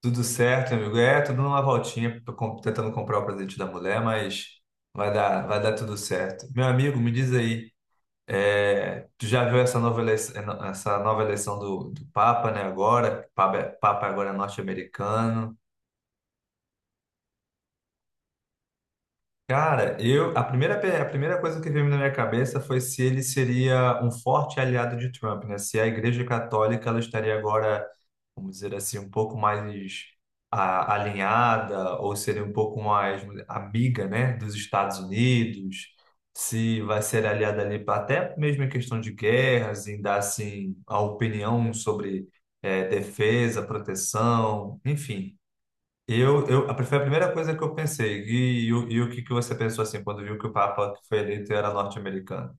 Tudo certo, amigo. É, tudo numa voltinha, tô tentando comprar o presente da mulher, mas vai dar tudo certo. Meu amigo, me diz aí, tu já viu essa nova eleição, do Papa, né, agora? Papa agora é norte-americano. Cara, eu, a primeira coisa que veio na minha cabeça foi se ele seria um forte aliado de Trump, né? Se a Igreja Católica, ela estaria agora, vamos dizer assim, um pouco mais alinhada, ou seria um pouco mais amiga, né, dos Estados Unidos, se vai ser aliada ali até mesmo em questão de guerras, em dar assim a opinião sobre defesa, proteção, enfim. Eu, foi a primeira coisa que eu pensei. E o que que você pensou assim quando viu que o Papa que foi eleito era norte-americano?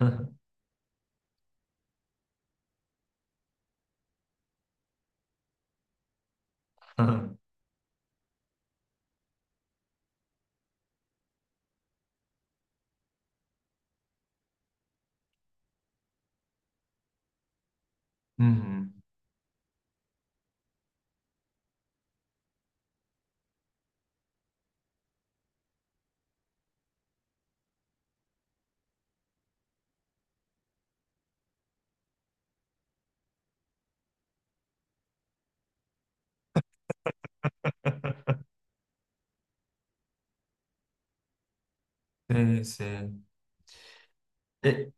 Uhum. Sim, sim. E-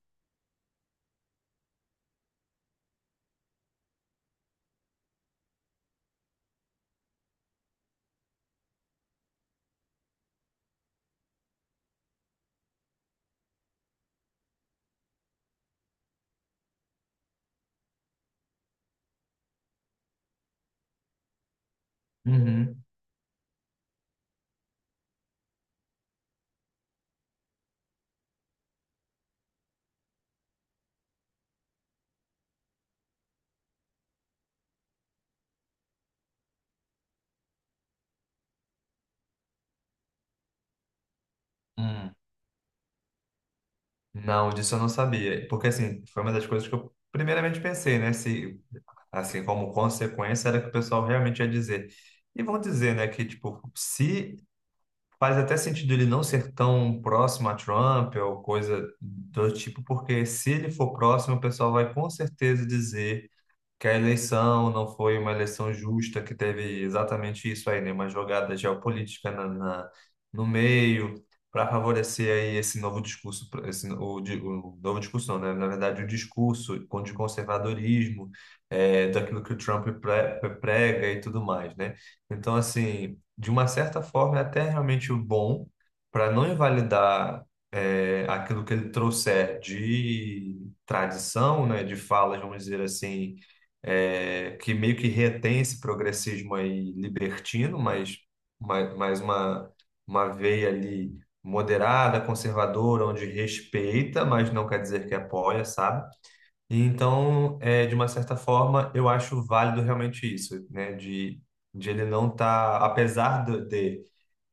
Uhum. Hum. Não, disso eu não sabia. Porque, assim, foi uma das coisas que eu primeiramente pensei, né? Se, assim, como consequência, era que o pessoal realmente ia dizer. E vão dizer, né, que, tipo, se faz até sentido ele não ser tão próximo a Trump ou coisa do tipo, porque se ele for próximo, o pessoal vai com certeza dizer que a eleição não foi uma eleição justa, que teve exatamente isso aí, né? Uma jogada geopolítica no meio, para favorecer aí esse novo discurso, o novo discurso não, né? Na verdade, o discurso contra o conservadorismo, daquilo que o Trump prega e tudo mais, né? Então, assim, de uma certa forma, é até realmente o bom para não invalidar, aquilo que ele trouxer de tradição, né, de falas, vamos dizer assim, que meio que retém esse progressismo aí libertino, mas mais uma veia ali moderada, conservadora, onde respeita, mas não quer dizer que apoia, sabe? E então, de uma certa forma, eu acho válido realmente isso, né? De ele não estar, apesar de,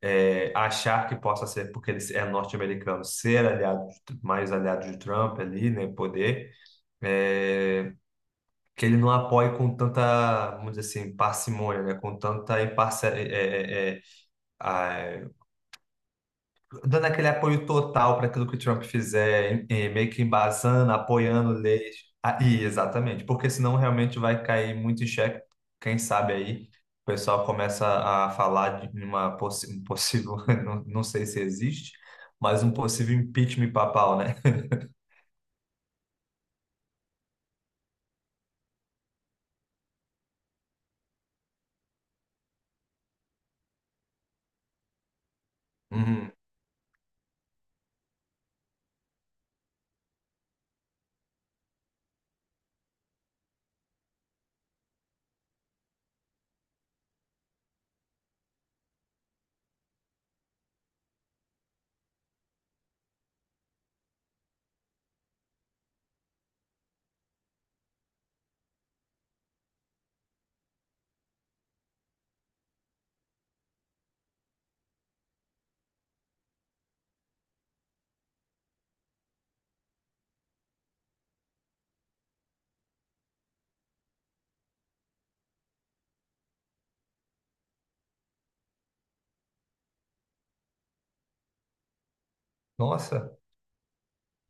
achar que possa ser, porque ele é norte-americano, ser aliado, mais aliado de Trump ali, né? Poder. É, que ele não apoie com tanta, vamos dizer assim, parcimônia, né? Com tanta imparcial, dando aquele apoio total para aquilo que o Trump fizer, meio que embasando, apoiando leis. Ah, e exatamente, porque senão realmente vai cair muito em xeque, quem sabe aí. O pessoal começa a falar de uma um possível, não, não sei se existe, mas um possível impeachment papal, né? Uhum. Nossa.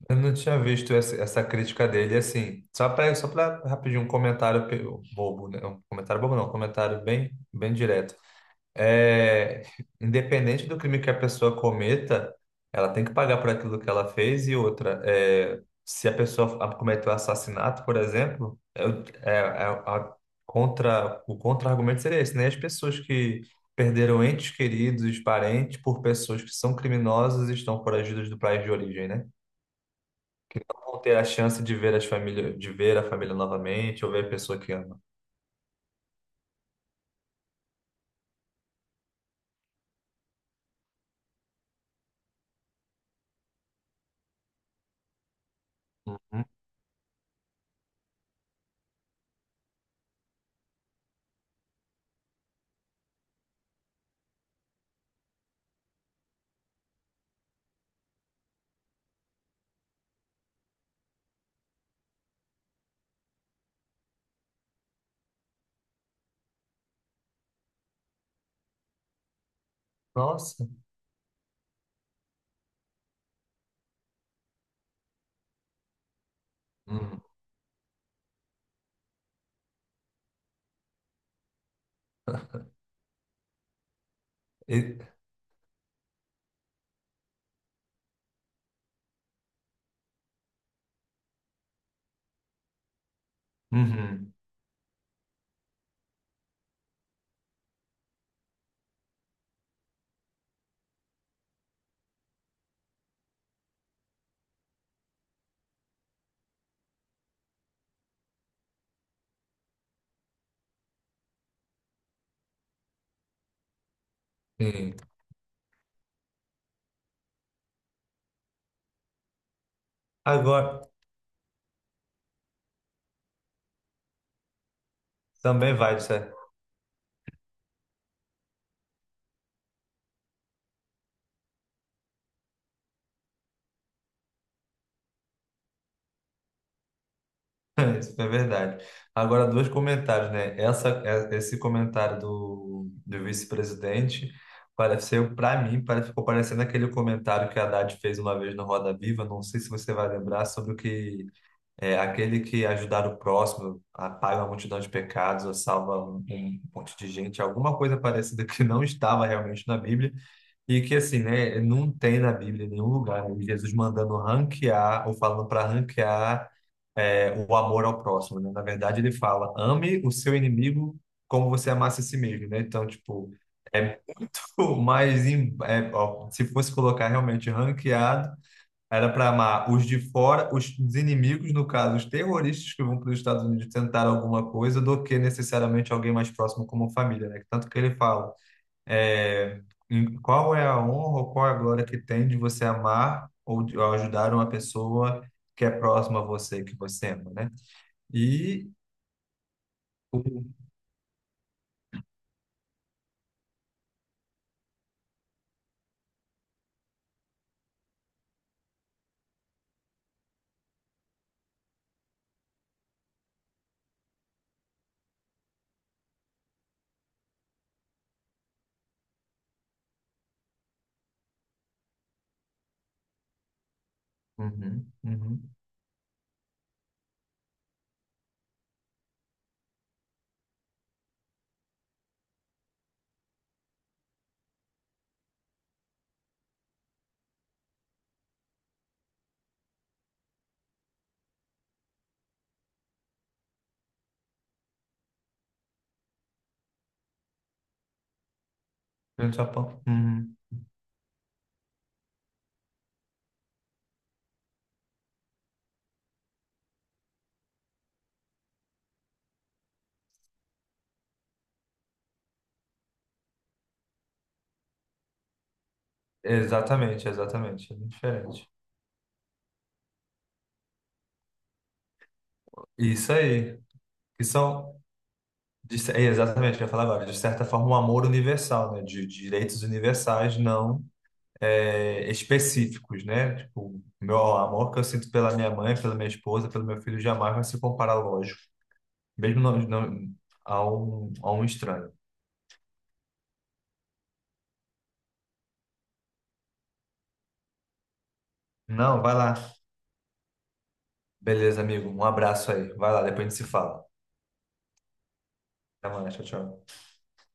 Eu não tinha visto essa, crítica dele, assim, só para rapidinho um comentário bobo, né? Um comentário bobo não, um comentário bem bem direto. É, independente do crime que a pessoa cometa, ela tem que pagar por aquilo que ela fez. E outra, se a pessoa cometeu assassinato, por exemplo, é, o- é, é a contra o contra-argumento seria esse, né? As pessoas que perderam entes queridos, parentes, por pessoas que são criminosas e estão foragidas do país de origem, né, que não vão ter a chance de ver a família novamente ou ver a pessoa que ama. Uhum. Nossa. Uhum. E- uhum. Sim. Agora, também vai, isso é, isso é verdade. Agora, dois comentários, né? Esse comentário do vice-presidente pareceu, para mim, ficou parecendo aquele comentário que a Haddad fez uma vez no Roda Viva. Não sei se você vai lembrar sobre o que. É aquele que, ajudar o próximo, apaga uma multidão de pecados, ou salva um monte de gente, alguma coisa parecida que não estava realmente na Bíblia, e que, assim, né, não tem na Bíblia em nenhum lugar, né? Jesus mandando ranquear ou falando para ranquear, o amor ao próximo, né? Na verdade, ele fala: ame o seu inimigo como você amasse a si mesmo, né? Então, tipo, é mais, ó, se fosse colocar realmente ranqueado, era para amar os de fora, os inimigos, no caso, os terroristas que vão para os Estados Unidos tentar alguma coisa, do que necessariamente alguém mais próximo como família, né? Tanto que ele fala, é, qual é a honra ou qual é a glória que tem de você amar ou ou ajudar uma pessoa que é próxima a você, que você ama, né? E... o- Uhum, uhum. No Japão. Uhum. Exatamente, exatamente. É diferente. Isso aí. Que são. É, exatamente, o que eu ia falar agora. De certa forma, um amor universal, né? De direitos universais, não é, específicos, né? Tipo, o meu amor que eu sinto pela minha mãe, pela minha esposa, pelo meu filho, jamais vai se comparar, lógico. Mesmo não, não, a um, estranho. Não, vai lá. Beleza, amigo. Um abraço aí. Vai lá, depois a gente se fala. Até mais, tchau, tchau.